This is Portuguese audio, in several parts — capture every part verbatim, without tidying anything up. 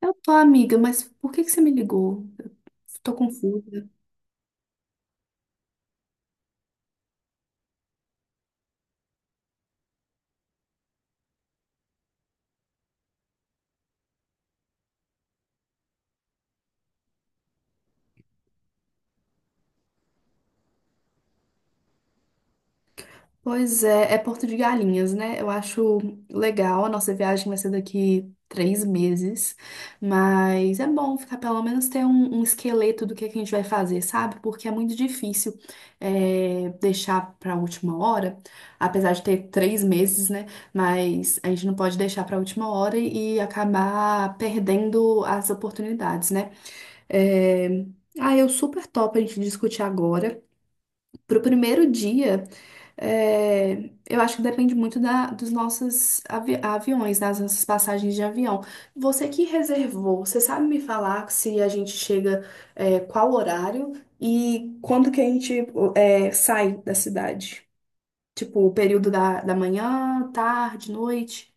Eu tô, amiga, mas por que que você me ligou? Eu tô confusa. Pois é, é Porto de Galinhas, né? Eu acho legal, a nossa viagem vai ser daqui três meses, mas é bom ficar pelo menos ter um, um esqueleto do que que a gente vai fazer, sabe? Porque é muito difícil é, deixar pra última hora, apesar de ter três meses, né? Mas a gente não pode deixar pra última hora e acabar perdendo as oportunidades, né? É, ah, eu super topo a gente discutir agora. Pro primeiro dia, é, eu acho que depende muito da, dos nossos avi- aviões, das nossas passagens de avião. Você que reservou, você sabe me falar se a gente chega, é, qual horário e quando que a gente, é, sai da cidade? Tipo, o período da, da manhã, tarde, noite?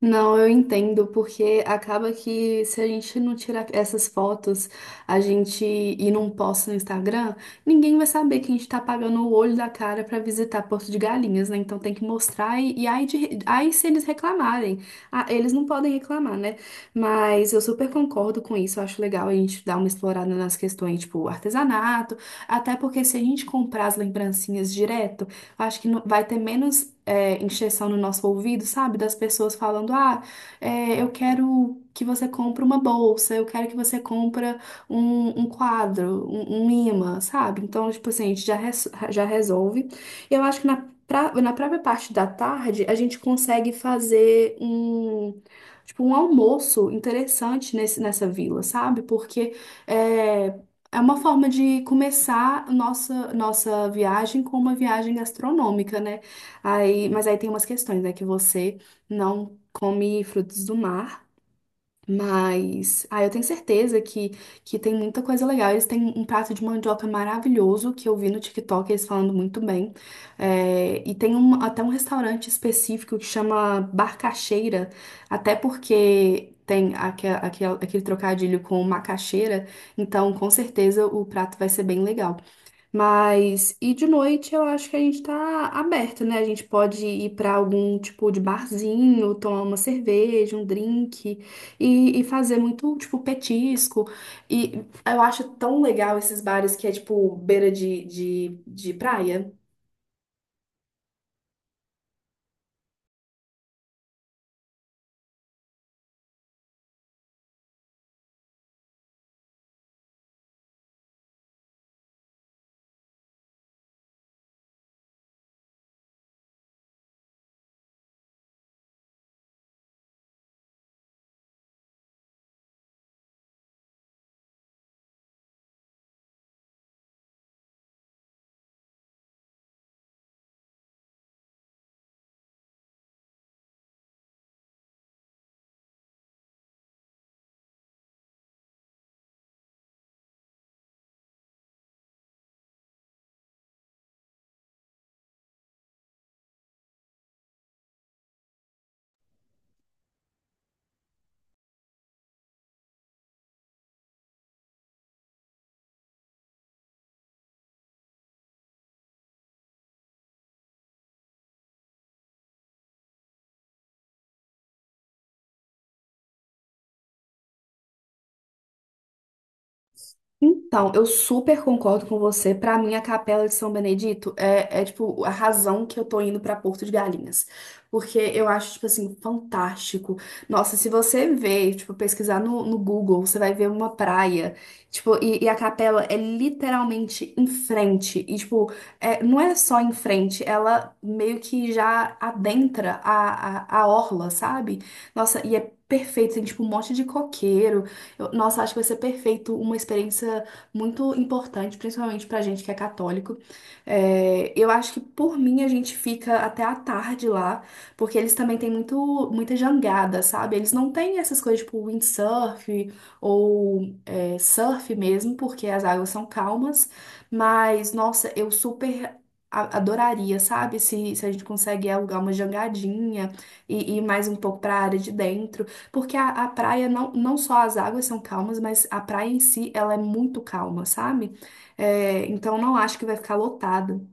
Não, eu entendo, porque acaba que se a gente não tirar essas fotos, a gente e não posta no Instagram, ninguém vai saber que a gente tá pagando o olho da cara pra visitar Porto de Galinhas, né? Então tem que mostrar e, e aí, de- aí se eles reclamarem. Ah, eles não podem reclamar, né? Mas eu super concordo com isso, eu acho legal a gente dar uma explorada nas questões, tipo, artesanato, até porque se a gente comprar as lembrancinhas direto, eu acho que não- vai ter menos é, encheção no nosso ouvido, sabe? Das pessoas falando, ah, é, eu quero que você compre uma bolsa, eu quero que você compre um, um quadro, um, um imã, sabe? Então, tipo assim, a gente já, res- já resolve. Eu acho que na, pra- na própria parte da tarde, a gente consegue fazer um... Tipo, um almoço interessante nesse, nessa vila, sabe? Porque é, é uma forma de começar nossa, nossa viagem com uma viagem gastronômica, né? Aí, mas aí tem umas questões, né? Que você não come frutos do mar. Mas, ah, eu tenho certeza que, que tem muita coisa legal. Eles têm um prato de mandioca maravilhoso que eu vi no TikTok, eles falando muito bem. É, e tem um, até um restaurante específico que chama Barcacheira, até porque tem aque- aque- aquele trocadilho com macaxeira, então com certeza o prato vai ser bem legal. Mas, e de noite eu acho que a gente tá aberto, né? A gente pode ir pra algum tipo de barzinho, tomar uma cerveja, um drink e, e fazer muito, tipo, petisco. E eu acho tão legal esses bares que é, tipo, beira de, de, de praia. Então, eu super concordo com você. Pra mim, a Capela de São Benedito é, é tipo a razão que eu tô indo pra Porto de Galinhas, porque eu acho tipo assim fantástico. Nossa, se você ver, tipo pesquisar no, no Google, você vai ver uma praia, tipo e, e a capela é literalmente em frente e tipo é, não é só em frente, ela meio que já adentra a, a, a orla, sabe? Nossa, e é perfeito, tem tipo um monte de coqueiro, eu- nossa, acho que vai ser perfeito, uma experiência muito importante, principalmente pra gente que é católico. É, eu acho que por mim a gente fica até a tarde lá, porque eles também têm muito, muita jangada, sabe? Eles não têm essas coisas tipo windsurf ou é, surf mesmo, porque as águas são calmas, mas nossa, eu super. a- Adoraria, sabe? Se, se a gente consegue alugar uma jangadinha e, e mais um pouco pra área de dentro. Porque a, a praia, não, não só as águas são calmas, mas a praia em si, ela é muito calma, sabe? É, então não acho que vai ficar lotado.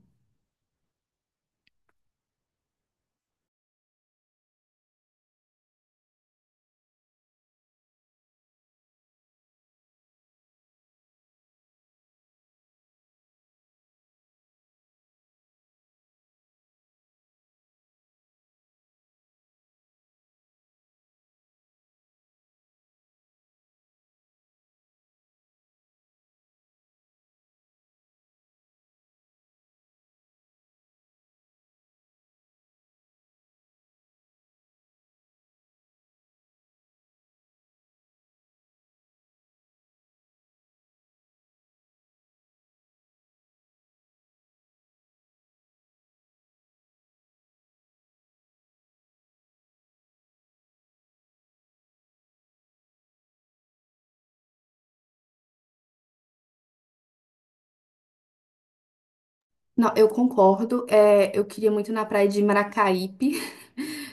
Não, eu concordo. É, eu queria muito ir na praia de Maracaípe.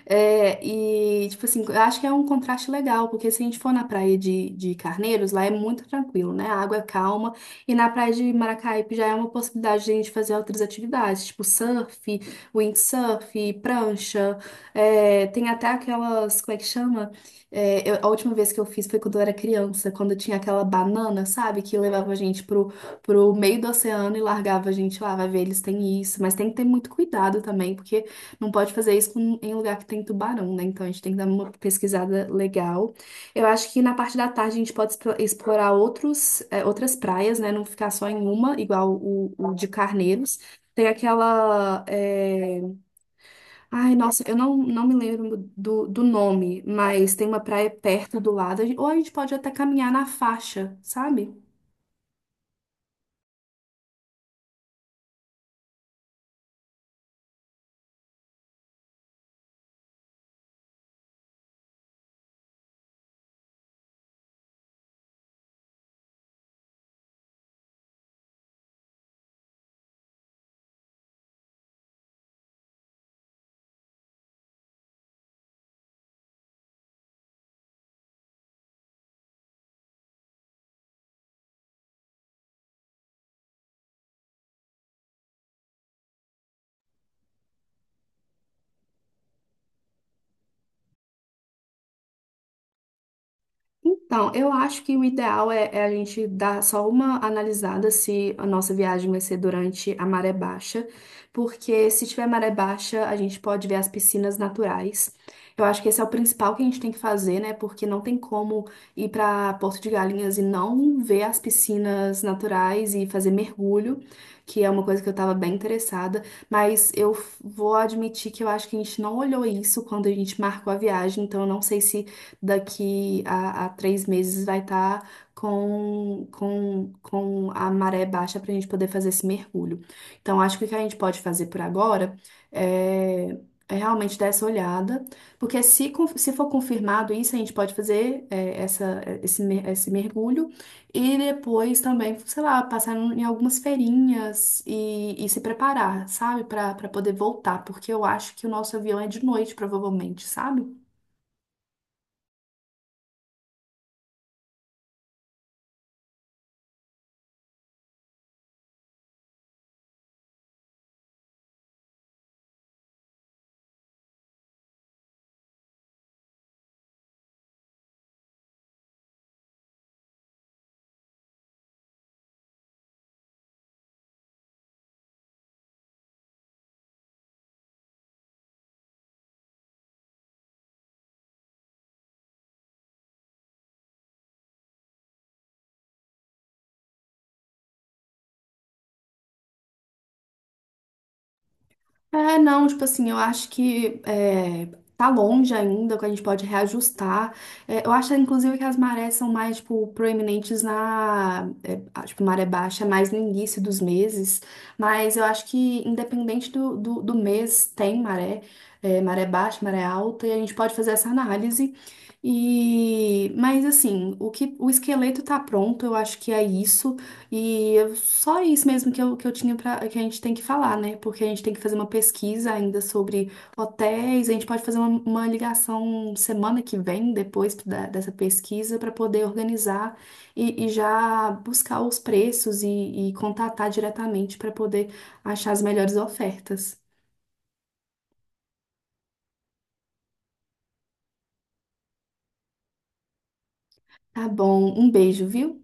É, e, tipo assim, eu acho que é um contraste legal, porque se a gente for na praia de, de Carneiros, lá é muito tranquilo, né? A água é calma. E na praia de Maracaípe já é uma possibilidade de a gente fazer outras atividades, tipo surf, windsurf, prancha. É, tem até aquelas, como é que chama? É, eu- a última vez que eu fiz foi quando eu era criança, quando tinha aquela banana, sabe? Que levava a gente pro pro meio do oceano e largava a gente lá, vai ver, eles têm isso, mas tem que ter muito cuidado também, porque não pode fazer isso com- em lugar que tem tubarão, né? Então a gente tem que dar uma pesquisada legal. Eu acho que na parte da tarde a gente pode espro- explorar outros, é, outras praias, né? Não ficar só em uma, igual o, o de Carneiros. Tem aquela. é, Ai, nossa, eu não, não me lembro do, do nome, mas tem uma praia perto do lado, ou a gente pode até caminhar na faixa, sabe? Então, eu acho que o ideal é, é a gente dar só uma analisada se a nossa viagem vai ser durante a maré baixa, porque se tiver maré baixa, a gente pode ver as piscinas naturais. Eu acho que esse é o principal que a gente tem que fazer, né? Porque não tem como ir para Porto de Galinhas e não ver as piscinas naturais e fazer mergulho, que é uma coisa que eu estava bem interessada. Mas eu f- vou admitir que eu acho que a gente não olhou isso quando a gente marcou a viagem, então eu não sei se daqui a, a três meses vai estar com, com, com a maré baixa para a gente poder fazer esse mergulho. Então, acho que o que a gente pode fazer por agora é, é realmente dar essa olhada, porque se, con- se for confirmado isso, a gente pode fazer é, essa, esse, mer- esse mergulho e depois também, sei lá, passar em algumas feirinhas e, e se preparar, sabe, para para poder voltar, porque eu acho que o nosso avião é de noite, provavelmente, sabe? É, não, tipo assim, eu acho que é, tá longe ainda, que a gente pode reajustar. É, eu acho, inclusive, que as marés são mais, tipo, proeminentes na, é, a- tipo, maré baixa, é mais no início dos meses. Mas eu acho que, independente do, do, do mês, tem maré, é, maré baixa, maré alta, e a gente pode fazer essa análise. E, mas assim, o que, o esqueleto tá pronto, eu acho que é isso. E eu- só isso mesmo que eu, que eu tinha para que a gente tem que falar, né? Porque a gente tem que fazer uma pesquisa ainda sobre hotéis. A gente pode fazer uma, uma ligação semana que vem, depois da- dessa pesquisa, para poder organizar e, e já buscar os preços e, e contatar diretamente para poder achar as melhores ofertas. Tá bom, um beijo, viu?